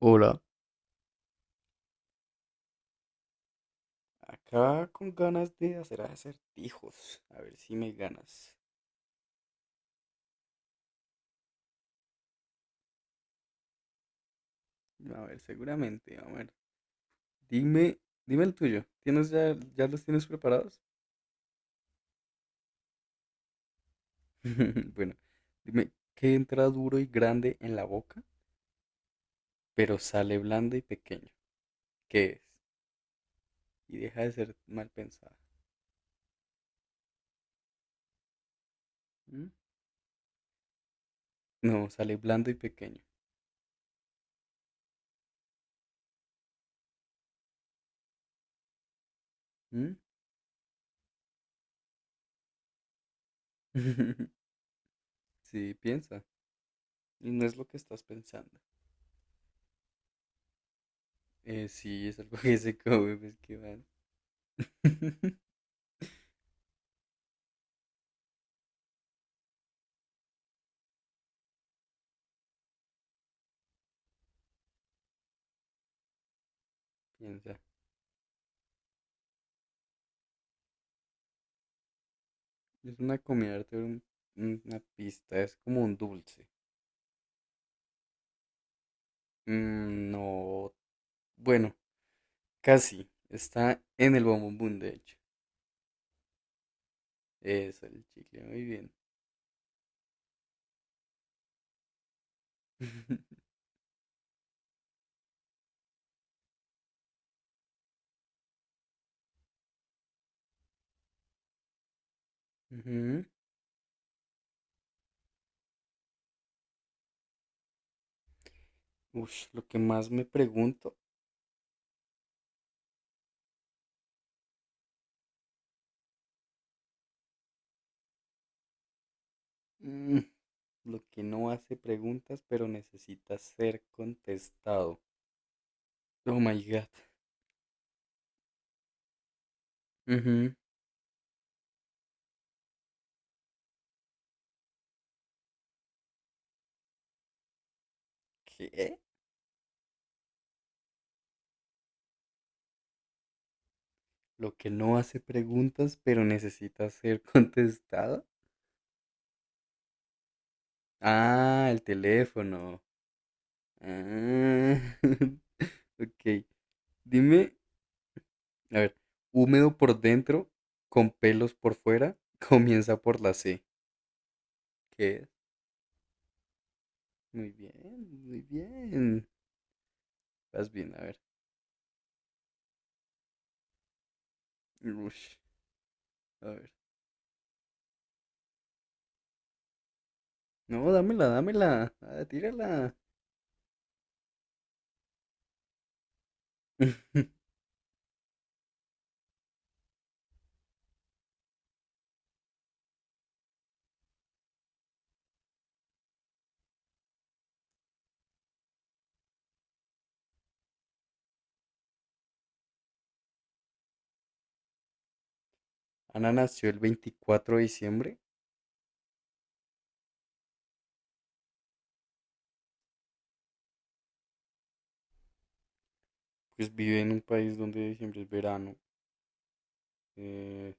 Hola. Acá con ganas de hacer acertijos. A ver si me ganas. A ver, seguramente. A ver. Dime, dime el tuyo. ¿Tienes ya, ya los tienes preparados? Bueno, dime, ¿qué entra duro y grande en la boca, pero sale blando y pequeño? ¿Qué es? Y deja de ser mal pensada. ¿Mm? No, sale blando y pequeño. ¿Mm? Sí, piensa. Y no es lo que estás pensando. Sí, es algo que se come, pues qué mal. Piensa. Es una comida de arte, una pista, es como un dulce. No, bueno, casi. Está en el bombombón, de hecho. Es el chicle, muy bien. Ujú. Ush, lo que más me pregunto. mm, lo que no hace preguntas, pero necesita ser contestado. Oh my God. Ujú. ¿Qué? Lo que no hace preguntas, pero necesita ser contestado. Ah, el teléfono. Ah, ok. Dime, a ver, húmedo por dentro, con pelos por fuera, comienza por la C. ¿Qué es? Muy bien, muy bien. Vas bien, a ver. Ush, a ver. No, dámela, dámela. Ah, tírala. Ana nació el 24 de diciembre. Pues vive en un país donde diciembre es verano. Eh,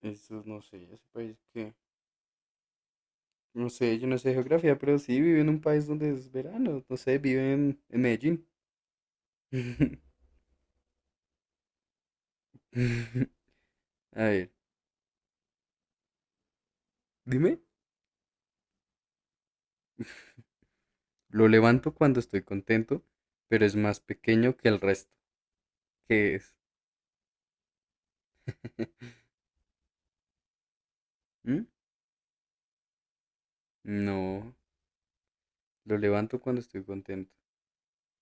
Eso no sé, ese país que. No sé, yo no sé geografía, pero sí vive en un país donde es verano. No sé, vive en Medellín. A ver, dime. Lo levanto cuando estoy contento, pero es más pequeño que el resto. ¿Qué es? ¿Mm? No, lo levanto cuando estoy contento,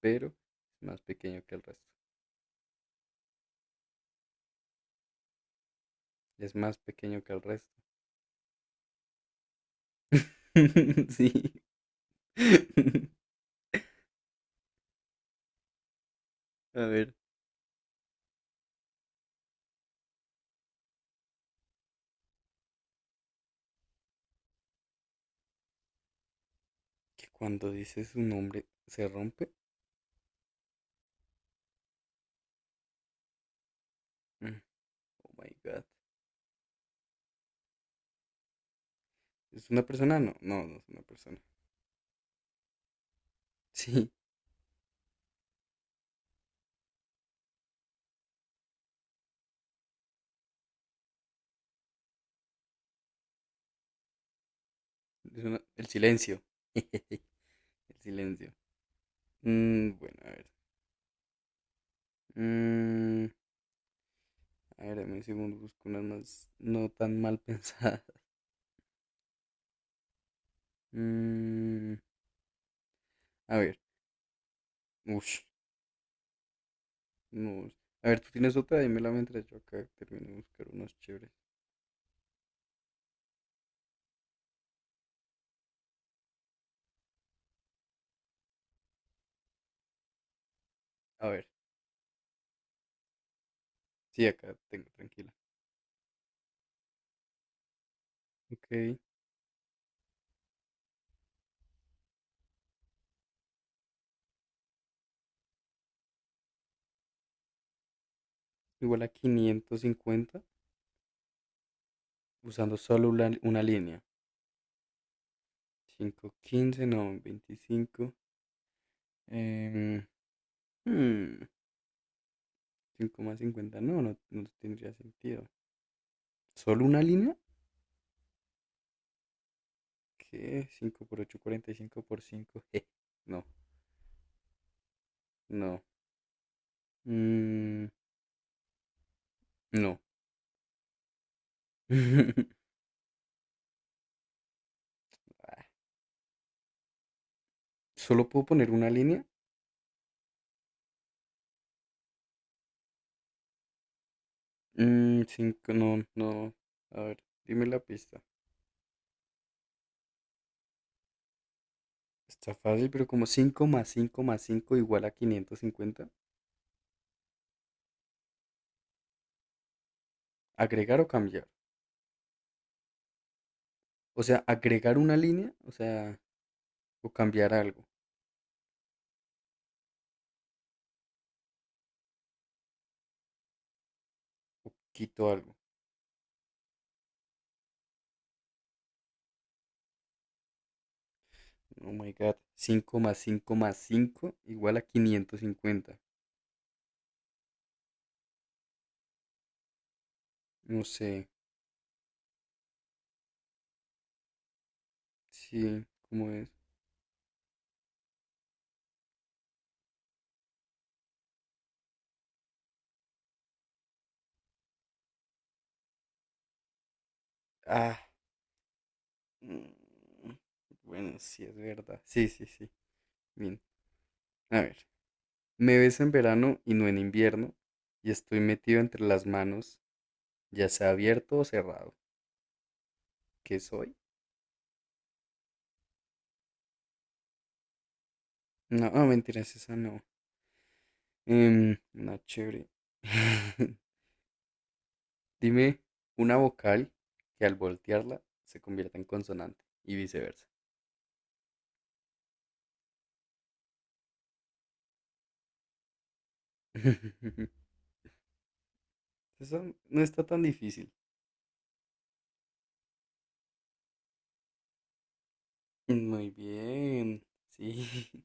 pero es más pequeño que el resto. Es más pequeño que el resto. Sí. A ver, que cuando dices su nombre se rompe. Mm, Oh my God. ¿Es una persona? No, no, no es una persona. Sí, es una- el silencio. El silencio. Bueno, a ver. Mm, A ver, dame un segundo, busco unas más no tan mal pensadas. Mm, a ver, ush, no. A ver, tú tienes otra, dímela mientras yo acá termino de buscar unos chéveres. A ver, sí, acá tengo, tranquila. Ok, igual a 550 usando solo una línea. Cinco quince no, 25, em, hmm, cinco más 50 no, no, no tendría sentido. ¿Solo una línea? ¿Qué? Cinco por ocho 45 por 5. No, no. Mm, no. ¿Solo puedo poner una línea? Cinco, no, no. A ver, dime la pista. Está fácil, pero como 5 más 5 más 5 igual a 550. ¿Agregar o cambiar? O sea, agregar una línea, o sea, o cambiar algo, o quito algo. Oh my God. 5 más 5 más 5 igual a 550. No sé, sí, ¿cómo es? Ah, mm, bueno, sí, es verdad. Sí, sí, sí. Bien. A ver. Me ves en verano y no en invierno, y estoy metido entre las manos, ya sea abierto o cerrado. ¿Qué soy? No, ah, mentiras, esa no. Una chévere. Dime una vocal que al voltearla se convierta en consonante y viceversa. Eso no está tan difícil. Muy bien. Sí.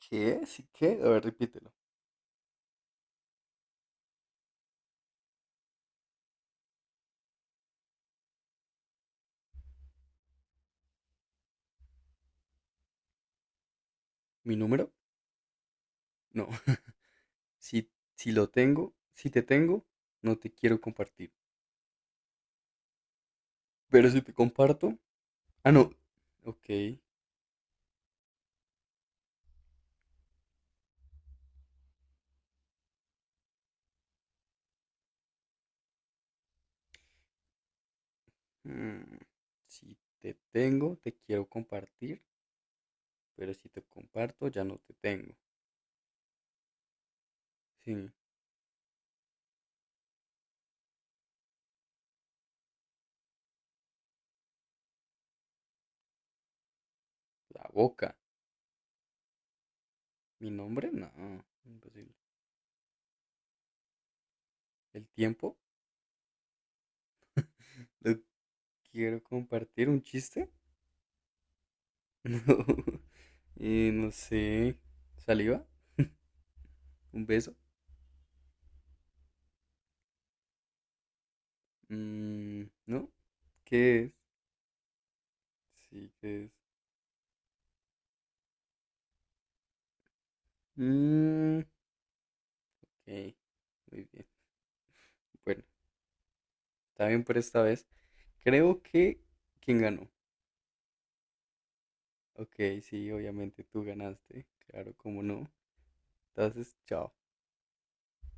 ¿Qué? ¿Sí qué? A ver, repítelo. ¿Mi número? No. Si lo tengo, si te tengo, no te quiero compartir. Pero si te comparto. Ah, no. Ok. mm, Si te tengo, te quiero compartir. Pero si te comparto, ya no te tengo. Sí. La boca. Mi nombre, no. Imposible. El tiempo. Lo quiero compartir. ¿Un chiste? No. No sé. ¿Saliva? ¿Un beso? Mm, ¿no? ¿Qué es? Sí, ¿qué es? Mm, ok. Muy bien. Bueno, está bien por esta vez. Creo que. ¿Quién ganó? Ok, sí, obviamente tú ganaste. Claro, cómo no. Entonces, chao.